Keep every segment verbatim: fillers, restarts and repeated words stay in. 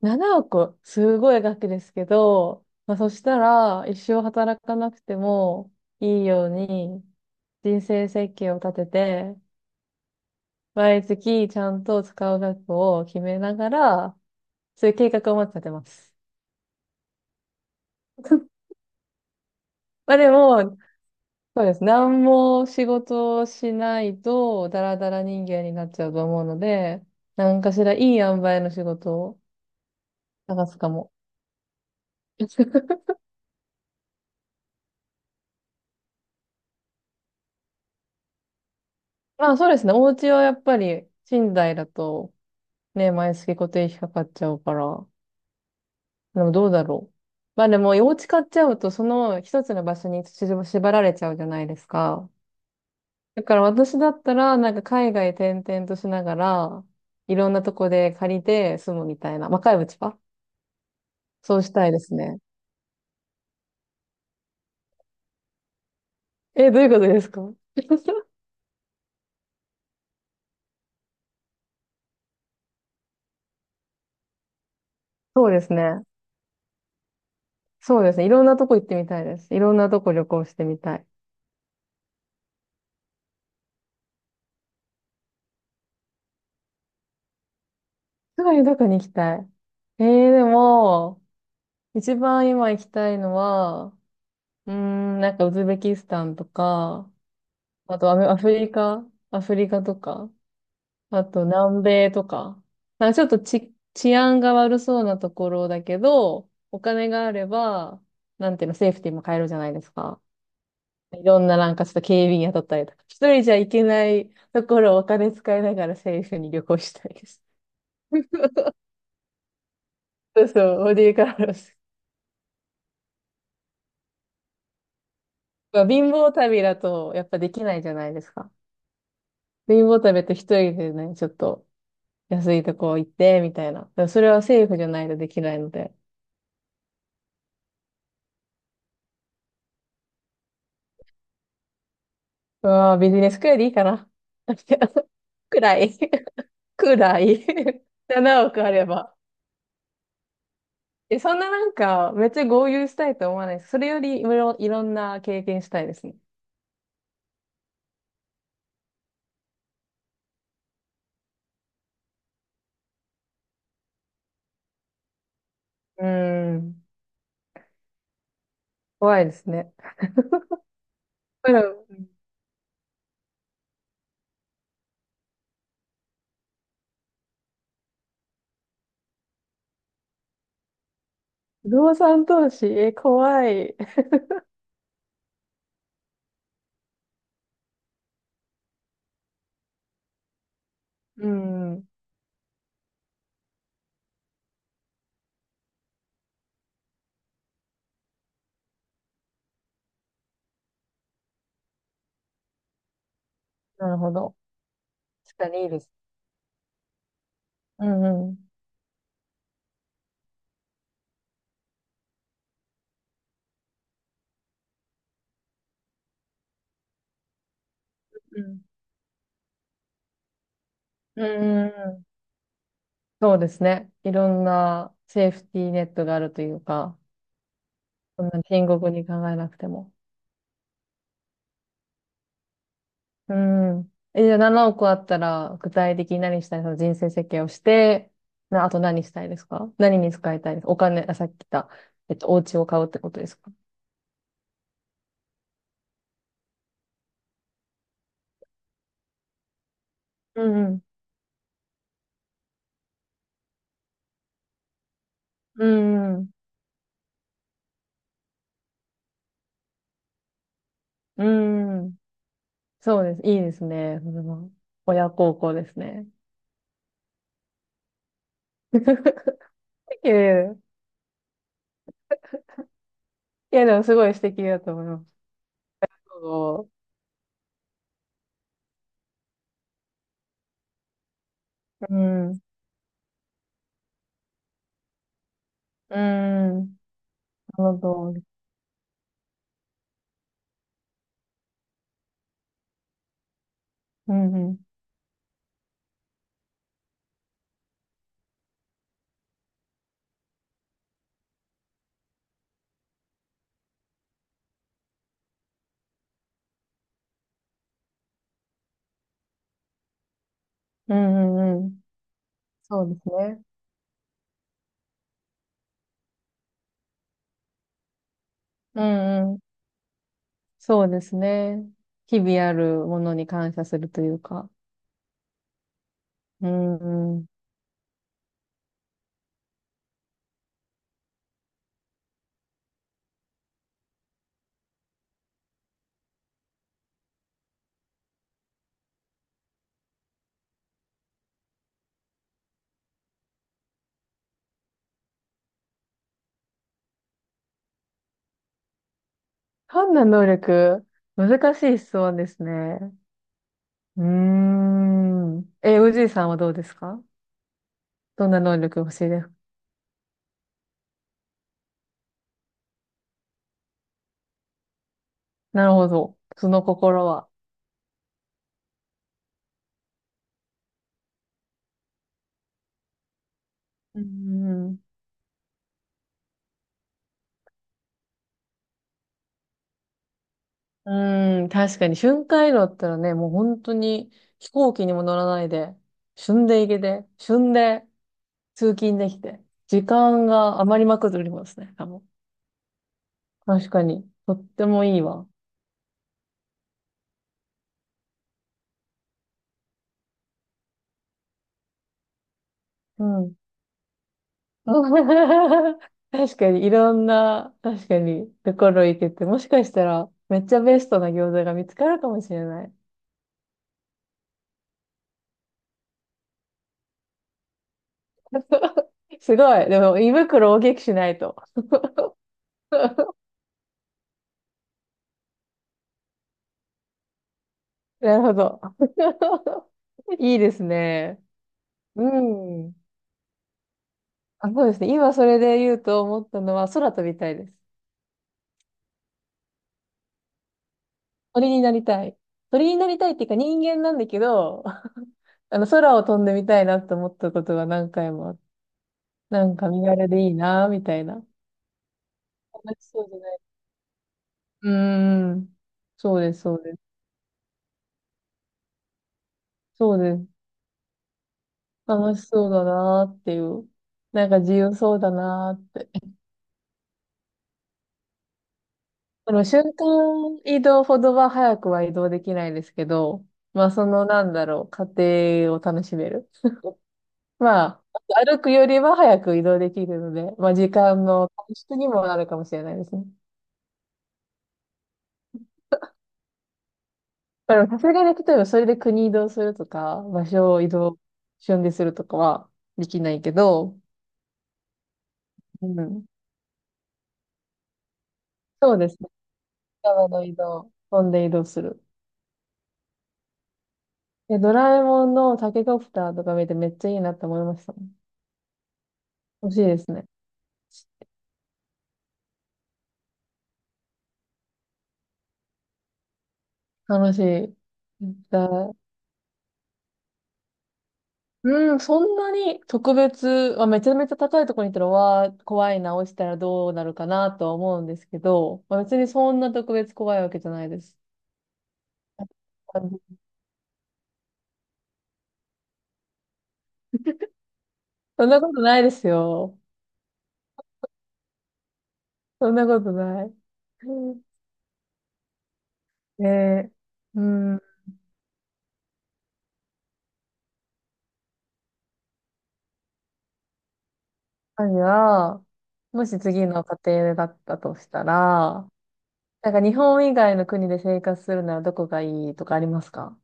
ななおく、すごい額ですけど、まあ、そしたら、一生働かなくてもいいように、人生設計を立てて、毎月ちゃんと使う額を決めながら、そういう計画をまず立てます。まあでも、そうです。何も仕事をしないと、ダラダラ人間になっちゃうと思うので、何かしらいい塩梅の仕事を探すかも。まあそうですね。お家はやっぱり、寝台だとね、毎月固定費かかっちゃうから。でもどうだろう。まあでも、お家買っちゃうと、その一つの場所に縛られちゃうじゃないですか。だから私だったら、なんか海外転々としながら、いろんなとこで借りて住むみたいな。若いうちはそうしたいですね。え、どういうことですか？そうですね。そうですね。いろんなとこ行ってみたいです。いろんなとこ旅行してみたい。すぐにどこに行きたい？えー、でも、一番今行きたいのは、うーん、なんかウズベキスタンとか、あとアメ、アフリカ、アフリカとか、あと南米とか、なんかちょっとち、治安が悪そうなところだけど、お金があれば、なんていうの、セーフティーも買えるじゃないですか。いろんななんかちょっと警備員雇ったりとか、一人じゃ行けないところをお金使いながらセーフに旅行したいです。そうそう、ボディーカラーです。まあ貧乏旅だとやっぱできないじゃないですか。貧乏旅って一人でね、ちょっと安いとこ行って、みたいな。だからそれは政府じゃないとできないので。うわービジネスくらいでいいかな。くらい。くらい。ななおくあれば。え、そんななんか、めっちゃ豪遊したいと思わないです。それよりいろ、いろんな経験したいですね。うーん。怖いですね。だから不動産投資、え、怖い。うん。なるほど。確かにいいです。うんうん。うん。うんうんうん。そうですね。いろんなセーフティーネットがあるというか。そんな深刻に考えなくても。うん。え、じゃあななおくあったら、具体的に何したい？その人生設計をして、な、あと何したいですか？何に使いたいですか？お金、あ、さっき言った、えっと、お家を買うってことですか？うんうん。うんうん。うん。そうです。いいですね。それは親孝行ですね。いやいや、いやでもすごい素敵だと思います。そう。うん。うん。なるほど。うんうん。うんうんうん。そうですね。うんうんそうですね。日々あるものに感謝するというか。うん。判断能力、難しい質問ですね。うーん。え、おじいさんはどうですか？どんな能力欲しいですか？なるほど。その心は。うん。うん、確かに瞬間移動だったらね、もう本当に飛行機にも乗らないで、旬で行けて、旬で通勤できて、時間が余りまくっておりますね、多分。確かに。とってもいいわ。うん。確かに、いろんな、確かに、ところ行けて、もしかしたら、めっちゃベストな餃子が見つかるかもしれない。すごい。でも、胃袋を大きくしないと。なるほど。いいですね。うん。あ、そうですね。今それで言うと思ったのは、空飛びたいです。鳥になりたい。鳥になりたいっていうか人間なんだけど、あの、空を飛んでみたいなって思ったことが何回もあって、なんか身軽でいいな、みたいな。楽しそうじゃない。うーん。そうです、そうです。そうです。楽しそうだなーっていう。なんか自由そうだなーって。その瞬間移動ほどは早くは移動できないですけど、まあそのなんだろう、過程を楽しめる。まあ、歩くよりは早く移動できるので、まあ時間の短縮にもなるかもしれないですね。だからさすがに例えばそれで国移動するとか、場所を移動、瞬でするとかはできないけど、うん。そうですね。川の移動、飛んで移動する。え、ドラえもんのタケコプターとか見てめっちゃいいなって思いましたもん。欲しいですね。楽しい。だ、うん、そんなに特別、まあ、めちゃめちゃ高いところに行ったら、わー、怖いな、落ちたらどうなるかなとは思うんですけど、まあ、別にそんな特別怖いわけじゃないです。そんなことないですよ。そんなことない。で、うん、何が、もし次の家庭だったとしたら、なんか日本以外の国で生活するならどこがいいとかありますか？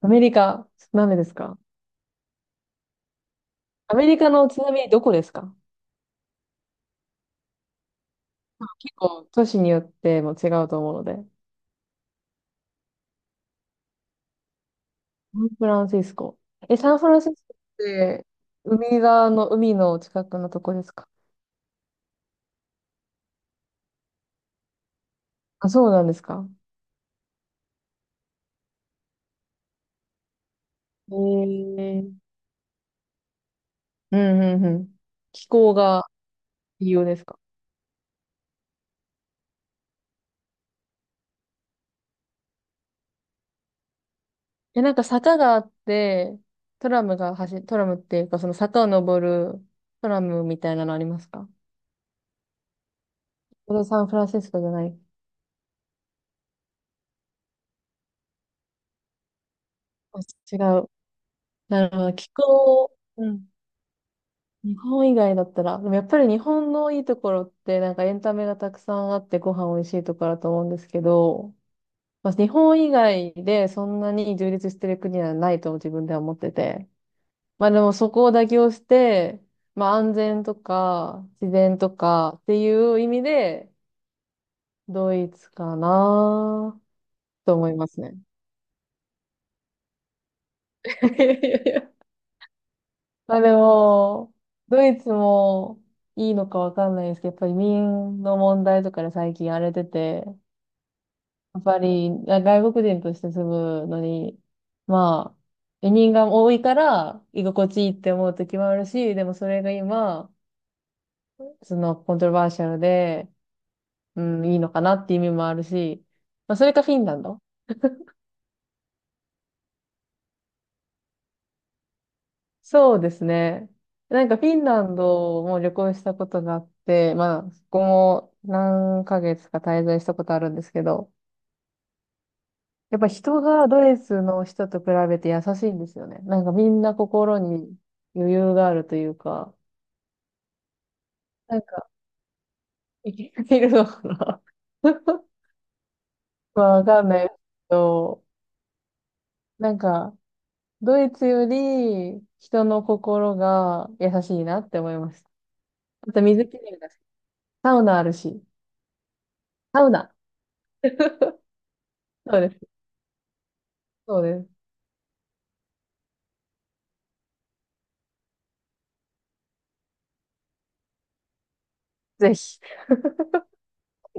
アメリカ、なんでですか？アメリカのちなみにどこですか？結構都市によっても違うと思うので。サンフランシスコ。え、サンフランシスコって海側の海の近くのとこですか？あ、そうなんですか？えー、うんうんうん。気候が理由ですか？え、なんか坂があって、トラムが走、トラムっていうかその坂を登るトラムみたいなのありますか？これサンフランシスコじゃない？あ、違う。なるほど。気候、うん。日本以外だったら、でもやっぱり日本のいいところって、なんかエンタメがたくさんあってご飯美味しいところだと思うんですけど、まあ、日本以外でそんなに充実してる国はないと自分では思ってて。まあでもそこを妥協して、まあ安全とか自然とかっていう意味で、ドイツかなと思いますね。まあでも、ドイツもいいのかわかんないですけど、やっぱり移民の問題とかで最近荒れてて、やっぱりあ外国人として住むのに、まあ、移民が多いから居心地いいって思う時もあるし、でもそれが今、そのコントロバーシャルで、うん、いいのかなっていう意味もあるし、まあそれかフィンランド。そうですね。なんかフィンランドも旅行したことがあって、まあ、そこも何ヶ月か滞在したことあるんですけど、やっぱ人がドイツの人と比べて優しいんですよね。なんかみんな心に余裕があるというか、なんか生きているのかな？ まあ、わかんないですけど、なんかドイツより人の心が優しいなって思いました。あと水きれいだし、サウナあるし、サウナ。そうですそうです。ぜひ。